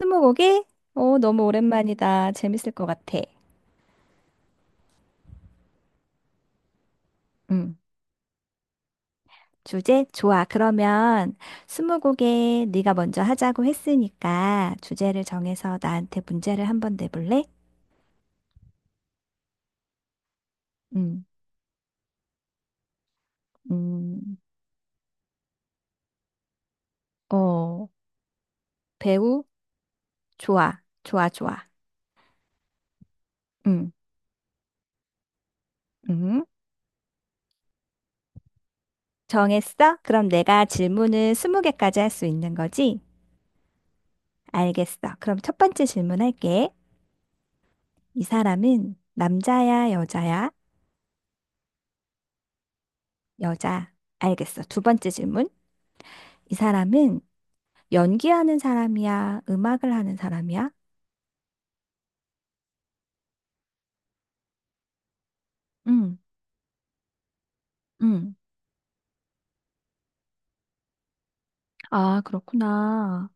스무고개? 오, 너무 오랜만이다. 재밌을 것 같아. 음 주제? 좋아. 그러면 스무고개 네가 먼저 하자고 했으니까 주제를 정해서 나한테 문제를 한번 내볼래? 음, 음, 어, 배우? 좋아. 좋아, 좋아. 음, 음. 정했어? 그럼 내가 질문을 스무 개까지 할 수 있는 거지? 알겠어. 그럼 첫 번째 질문할게. 이 사람은 남자야, 여자야? 여자. 알겠어. 두 번째 질문. 이 사람은 연기하는 사람이야, 음악을 하는 사람이야? 응, 응. 아, 그렇구나.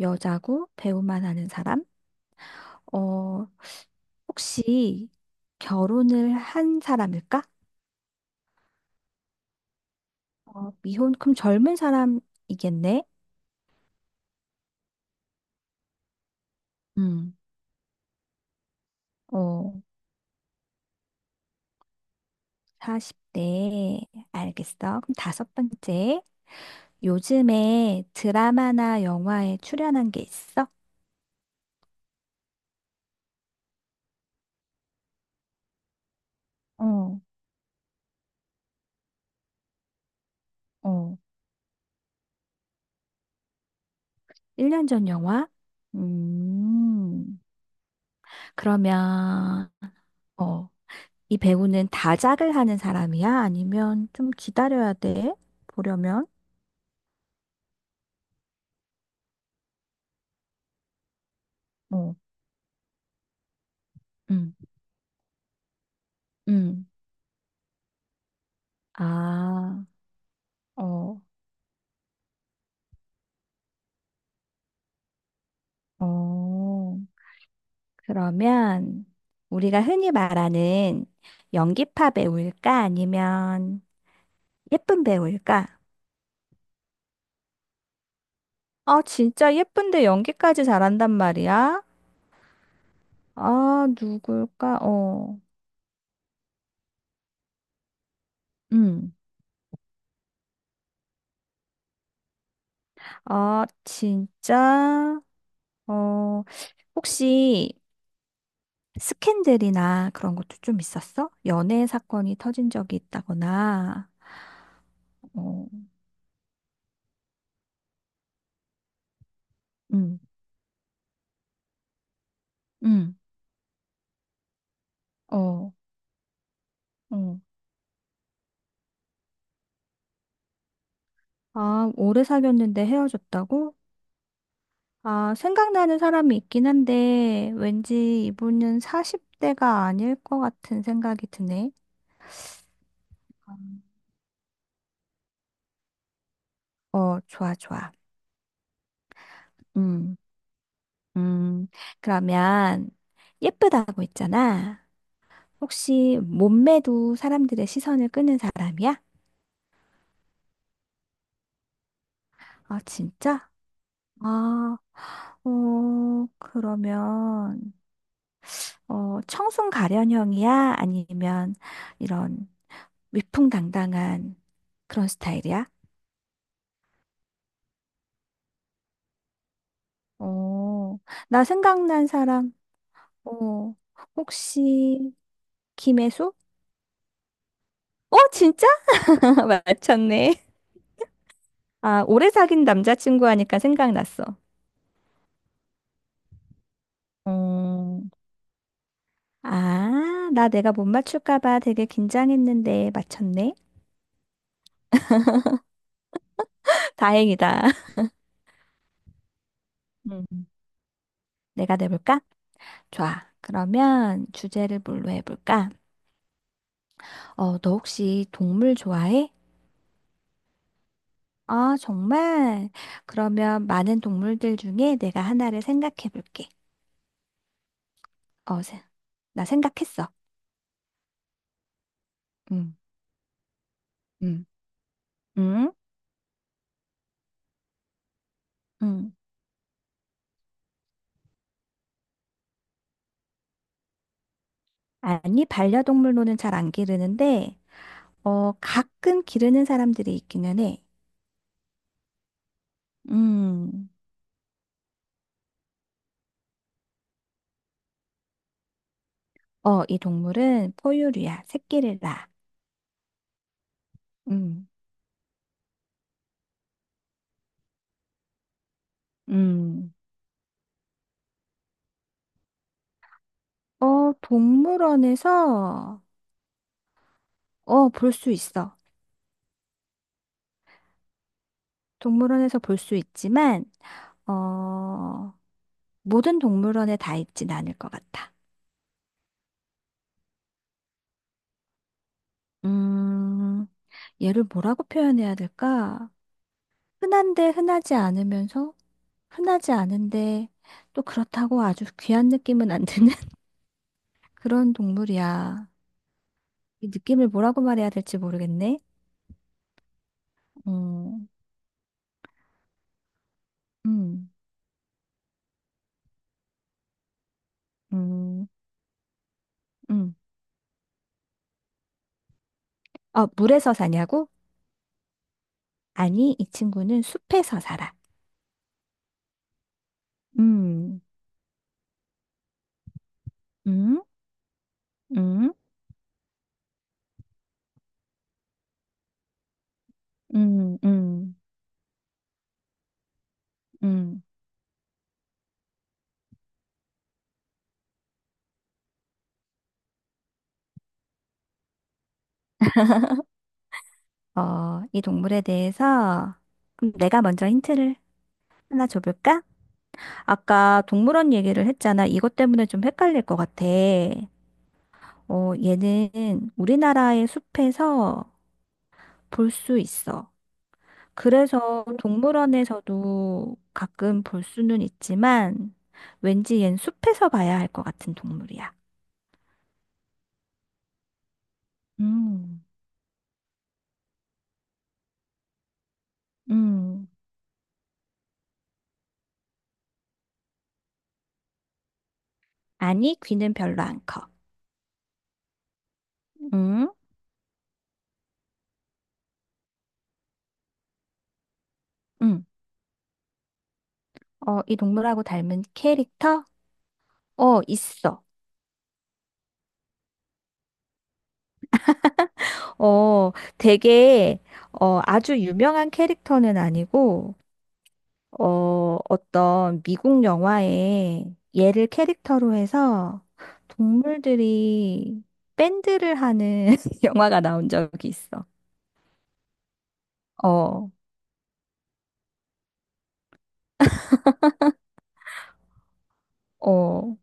여자고 배우만 하는 사람? 어, 혹시 결혼을 한 사람일까? 어, 미혼, 그럼 젊은 사람이겠네? 응. 어, 40대. 알겠어. 그럼 다섯 번째. 요즘에 드라마나 영화에 출연한 게 있어? 어, 어. 1년 전 영화? 음. 그러면, 어, 이 배우는 다작을 하는 사람이야? 아니면 좀 기다려야 돼? 보려면? 어, 응, 음. 아, 어, 어. 그러면 우리가 흔히 말하는 연기파 배우일까? 아니면 예쁜 배우일까? 아, 진짜 예쁜데 연기까지 잘한단 말이야? 아, 누굴까? 어. 음. 아, 진짜 어, 혹시 스캔들이나 그런 것도 좀 있었어? 연애 사건이 터진 적이 있다거나, 어, 응, 응, 어, 어. 아, 오래 사귀었는데 헤어졌다고? 아, 생각나는 사람이 있긴 한데, 왠지 이분은 40대가 아닐 것 같은 생각이 드네. 어, 좋아, 좋아. 음, 음. 그러면, 예쁘다고 했잖아. 혹시 몸매도 사람들의 시선을 끄는 사람이야? 아, 진짜? 아, 그러면, 청순 가련형이야? 아니면 이런 위풍당당한 그런 스타일이야? 어, 나 생각난 사람, 어, 혹시 김혜수? 어, 진짜? 맞췄네. 아, 오래 사귄 남자친구 하니까 생각났어. 음. 아, 나 내가 못 맞출까 봐 되게 긴장했는데 맞췄네. 다행이다. 음. 내가 내볼까? 좋아. 그러면 주제를 뭘로 해볼까? 너 혹시 동물 좋아해? 아, 정말? 그러면 많은 동물들 중에 내가 하나를 생각해볼게. 어, 세- 나 생각했어. 응, 응, 응, 응. 아니, 반려동물로는 잘 안 기르는데, 가끔 기르는 사람들이 있기는 해. 음, 이 동물은 포유류야. 새끼를 낳아. 음, 음. 동물원에서 볼 수 있어. 동물원에서 볼 수 있지만, 어, 모든 동물원에 다 있진 않을 것 같아. 음, 얘를 뭐라고 표현해야 될까? 흔한데 흔하지 않으면서, 흔하지 않은데, 또 그렇다고 아주 귀한 느낌은 안 드는 그런 동물이야. 이 느낌을 뭐라고 말해야 될지 모르겠네. 음, 음, 음, 음. 물에서 사냐고? 아니, 이 친구는 숲에서 살아. 음, 음. 음? 음, 음, 음. 이 동물에 대해서 그럼 내가 먼저 힌트를 하나 줘볼까? 아까 동물원 얘기를 했잖아. 이것 때문에 좀 헷갈릴 것 같아. 얘는 우리나라의 숲에서 볼 수 있어. 그래서 동물원에서도 가끔 볼 수는 있지만 왠지 얜 숲에서 봐야 할 것 같은 동물이야. 음, 음. 아니, 귀는 별로 안 커. 응? 어, 이 동물하고 닮은 캐릭터? 어, 있어. 어, 되게, 아주 유명한 캐릭터는 아니고, 어떤 미국 영화에 얘를 캐릭터로 해서 동물들이 밴드를 하는 영화가 나온 적이 있어. 어, 어,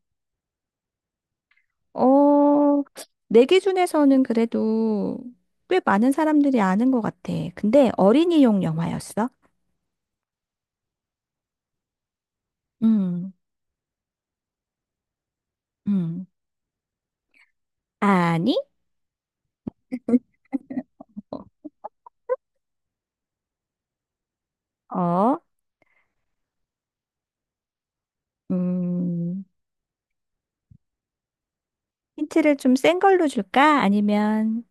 어, 내 기준에서는 그래도 꽤 많은 사람들이 아는 것 같아. 근데 어린이용 영화였어? 음, 음. 아니? 어, 음, 힌트를 좀 센 걸로 줄까? 아니면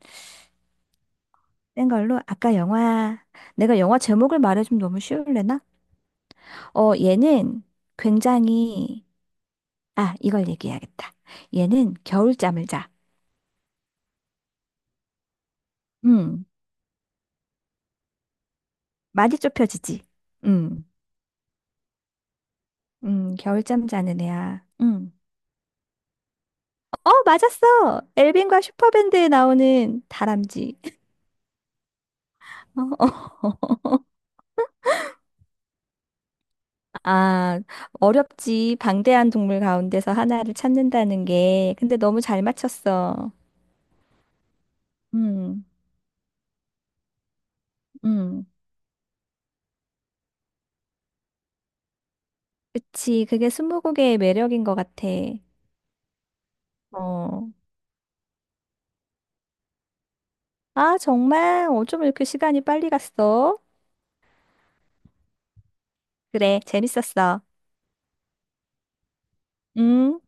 센 걸로? 아까 영화, 내가 영화 제목을 말해주면 너무 쉬울래나? 얘는 굉장히, 아, 이걸 얘기해야겠다. 얘는 겨울잠을 자. 음, 많이 좁혀지지. 음, 겨울잠 자는 애야. 음. 어, 맞았어! 엘빈과 슈퍼밴드에 나오는 다람쥐. 어, 어. 어. 아, 어렵지. 방대한 동물 가운데서 하나를 찾는다는 게. 근데 너무 잘 맞췄어. 음, 음. 그치. 그게 스무고개의 매력인 것 같아. 어. 아, 정말 어쩜 이렇게 시간이 빨리 갔어? 그래, 재밌었어. 응?